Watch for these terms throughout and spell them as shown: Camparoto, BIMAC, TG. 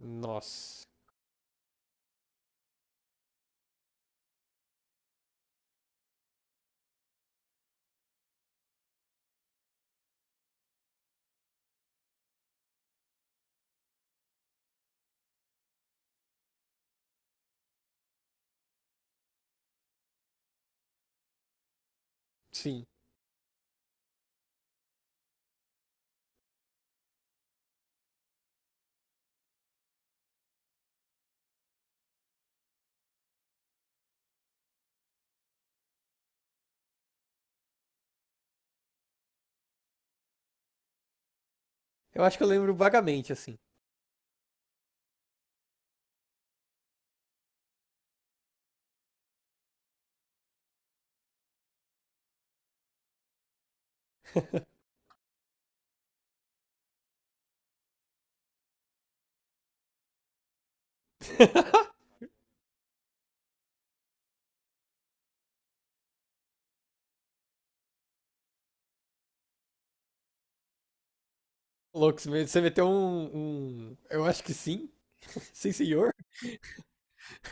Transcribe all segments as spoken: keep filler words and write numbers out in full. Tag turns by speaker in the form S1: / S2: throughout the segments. S1: Nossa. Sim. Eu acho que eu lembro vagamente, assim. Louco, você meteu um, um. Eu acho que sim. Sim, senhor.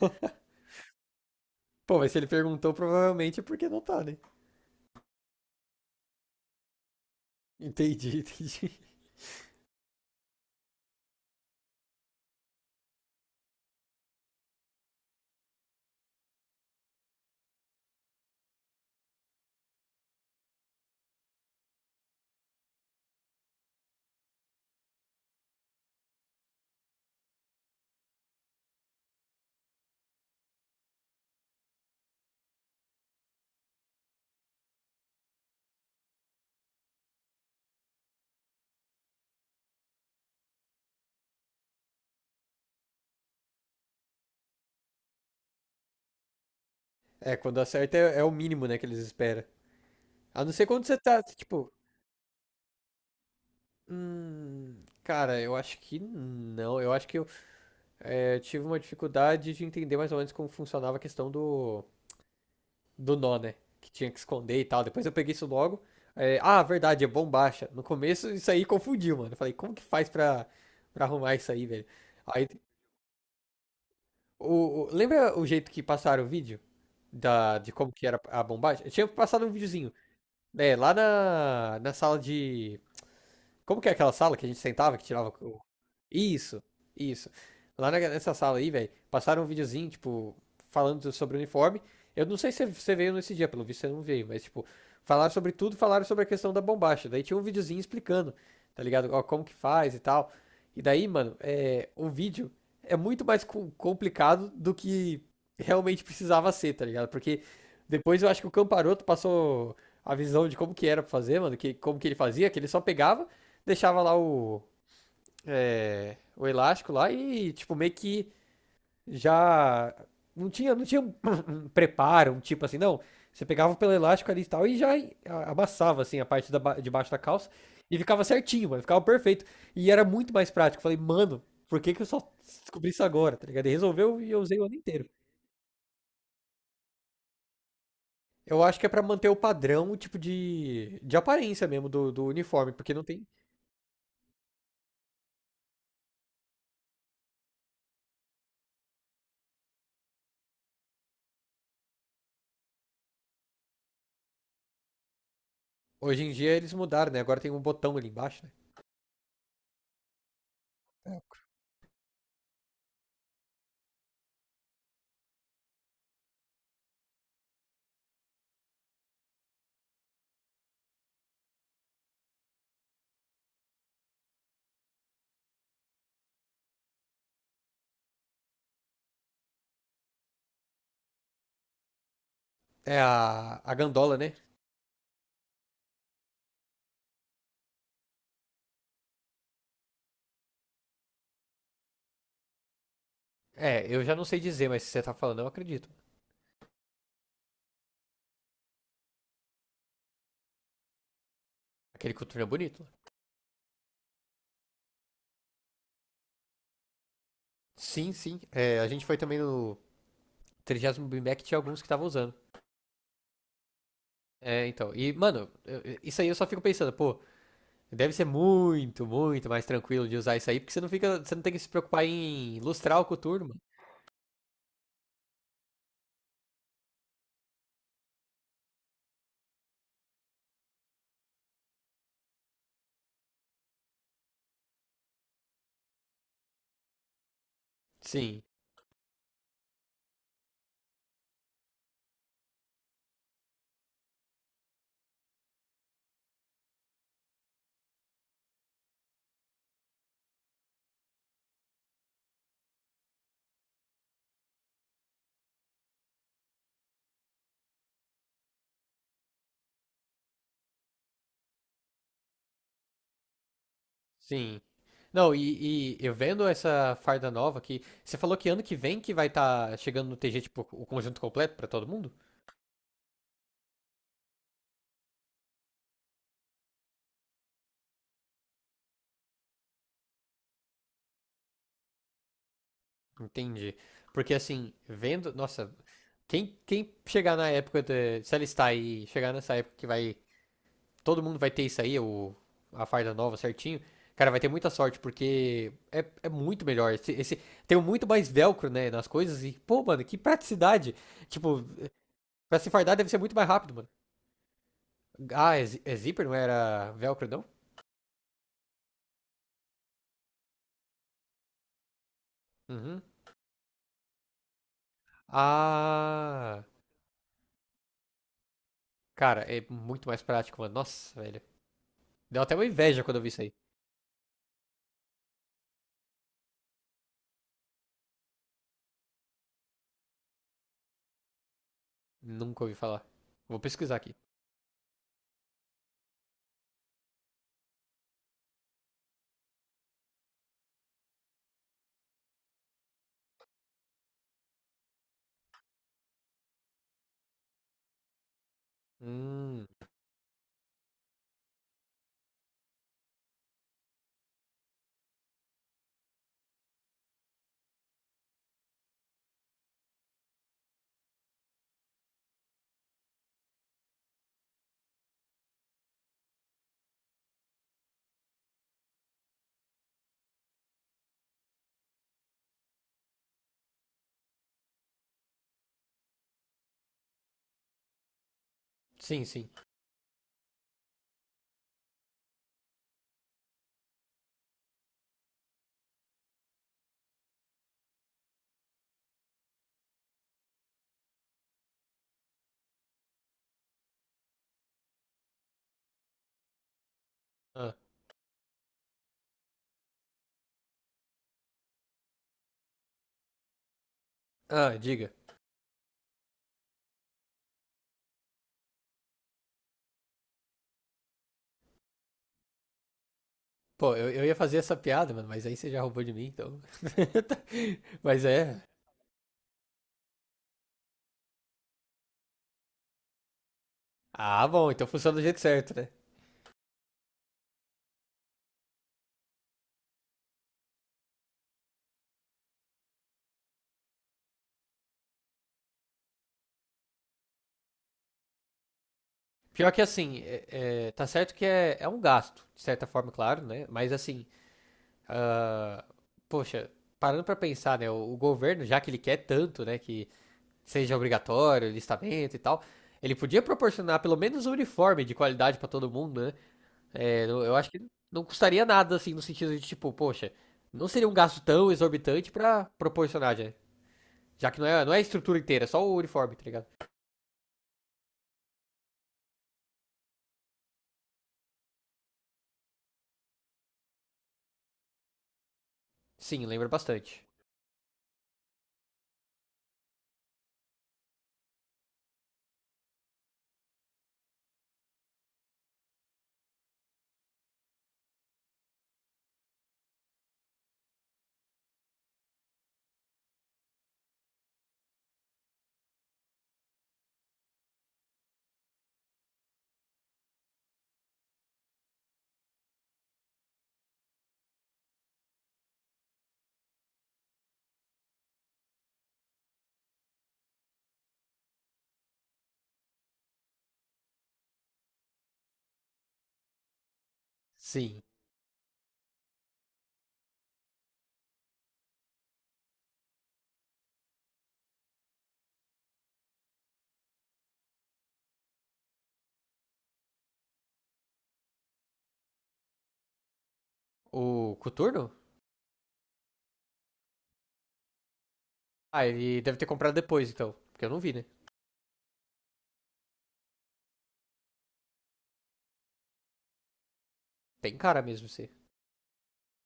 S1: Pô, mas se ele perguntou, provavelmente é porque não tá, né? Entendi, entendi. É, quando acerta é, é o mínimo, né, que eles esperam. A não ser quando você tá, tipo. Hum, cara, eu acho que não. Eu acho que eu é, tive uma dificuldade de entender mais ou menos como funcionava a questão do. do nó, né? Que tinha que esconder e tal. Depois eu peguei isso logo. É, ah, verdade, é bombacha. No começo isso aí confundiu, mano. Eu falei, como que faz pra, pra, arrumar isso aí, velho? Aí, o, o- lembra o jeito que passaram o vídeo da, de como que era a bombacha? Eu tinha passado um videozinho, né? Lá na, na sala de, como que é aquela sala que a gente sentava, que tirava. o- Isso, isso. Lá na- nessa sala aí, velho, passaram um videozinho, tipo, falando sobre o uniforme. Eu não sei se você veio nesse dia, pelo visto você não veio, mas, tipo, falaram sobre tudo, falaram sobre a questão da bombacha. Daí tinha um videozinho explicando, tá ligado? Ó, como que faz e tal. E daí, mano, é, o vídeo é muito mais co- complicado do que realmente precisava ser, tá ligado? Porque depois eu acho que o Camparoto passou a visão de como que era pra fazer, mano, que, como que ele fazia, que ele só pegava, deixava lá o, é, o elástico lá e, tipo, meio que já não tinha, não tinha um, preparo, um tipo assim, não. Você pegava pelo elástico ali e tal e já amassava, assim, a parte da, de baixo da calça e ficava certinho, mano, ficava perfeito. E era muito mais prático. Falei, mano, por que que eu só descobri isso agora, tá ligado? E resolveu e eu usei o ano inteiro. Eu acho que é pra manter o padrão, o tipo de, de aparência mesmo do, do uniforme, porque não tem. Hoje em dia eles mudaram, né? Agora tem um botão ali embaixo, né? É a, a gandola, né? É, eu já não sei dizer, mas se você tá falando, eu acredito. Aquele coturno é bonito. Sim, sim. É, a gente foi também no trigésimo º BIMAC, tinha alguns que estavam usando. É, então. E, mano, eu- isso aí eu só fico pensando, pô, deve ser muito, muito mais tranquilo de usar isso aí, porque você não fica, você não tem que se preocupar em lustrar o coturno, mano. Sim, sim. Não, e, e eu vendo essa farda nova aqui, você falou que ano que vem que vai estar chegando no T G, tipo, o conjunto completo pra todo mundo? Entendi. Porque assim, vendo, nossa, quem, quem, chegar na época, de, se alistar e chegar nessa época que vai todo mundo vai ter isso aí, o, a farda nova certinho. Cara, vai ter muita sorte, porque é, é muito melhor. Esse, esse- tem muito mais velcro, né, nas coisas. E, pô, mano, que praticidade. Tipo, pra se fardar deve ser muito mais rápido, mano. Ah, é, zi- é zíper, não era velcro, não? Uhum. Ah, cara, é muito mais prático, mano. Nossa, velho. Deu até uma inveja quando eu vi isso aí. Nunca ouvi falar. Vou pesquisar aqui. Hum, sim, sim. Ah, ah diga. Pô, eu, eu ia fazer essa piada, mano, mas aí você já roubou de mim, então. Mas é. Ah, bom, então funciona do jeito certo, né? Pior que assim, é- é, tá certo que é, é um gasto, de certa forma, claro, né? Mas assim, ah, poxa, parando pra pensar, né? O, o governo, já que ele quer tanto, né, que seja obrigatório, listamento e tal, ele podia proporcionar pelo menos um uniforme de qualidade pra todo mundo, né? É, eu eu acho que não custaria nada, assim, no sentido de, tipo, poxa, não seria um gasto tão exorbitante pra proporcionar, já, já que não é, não é a estrutura inteira, é só o uniforme, tá ligado? Sim, lembra bastante. Sim. O coturno? Ah, ele deve ter comprado depois, então, porque eu não vi, né? Tem cara mesmo, sim.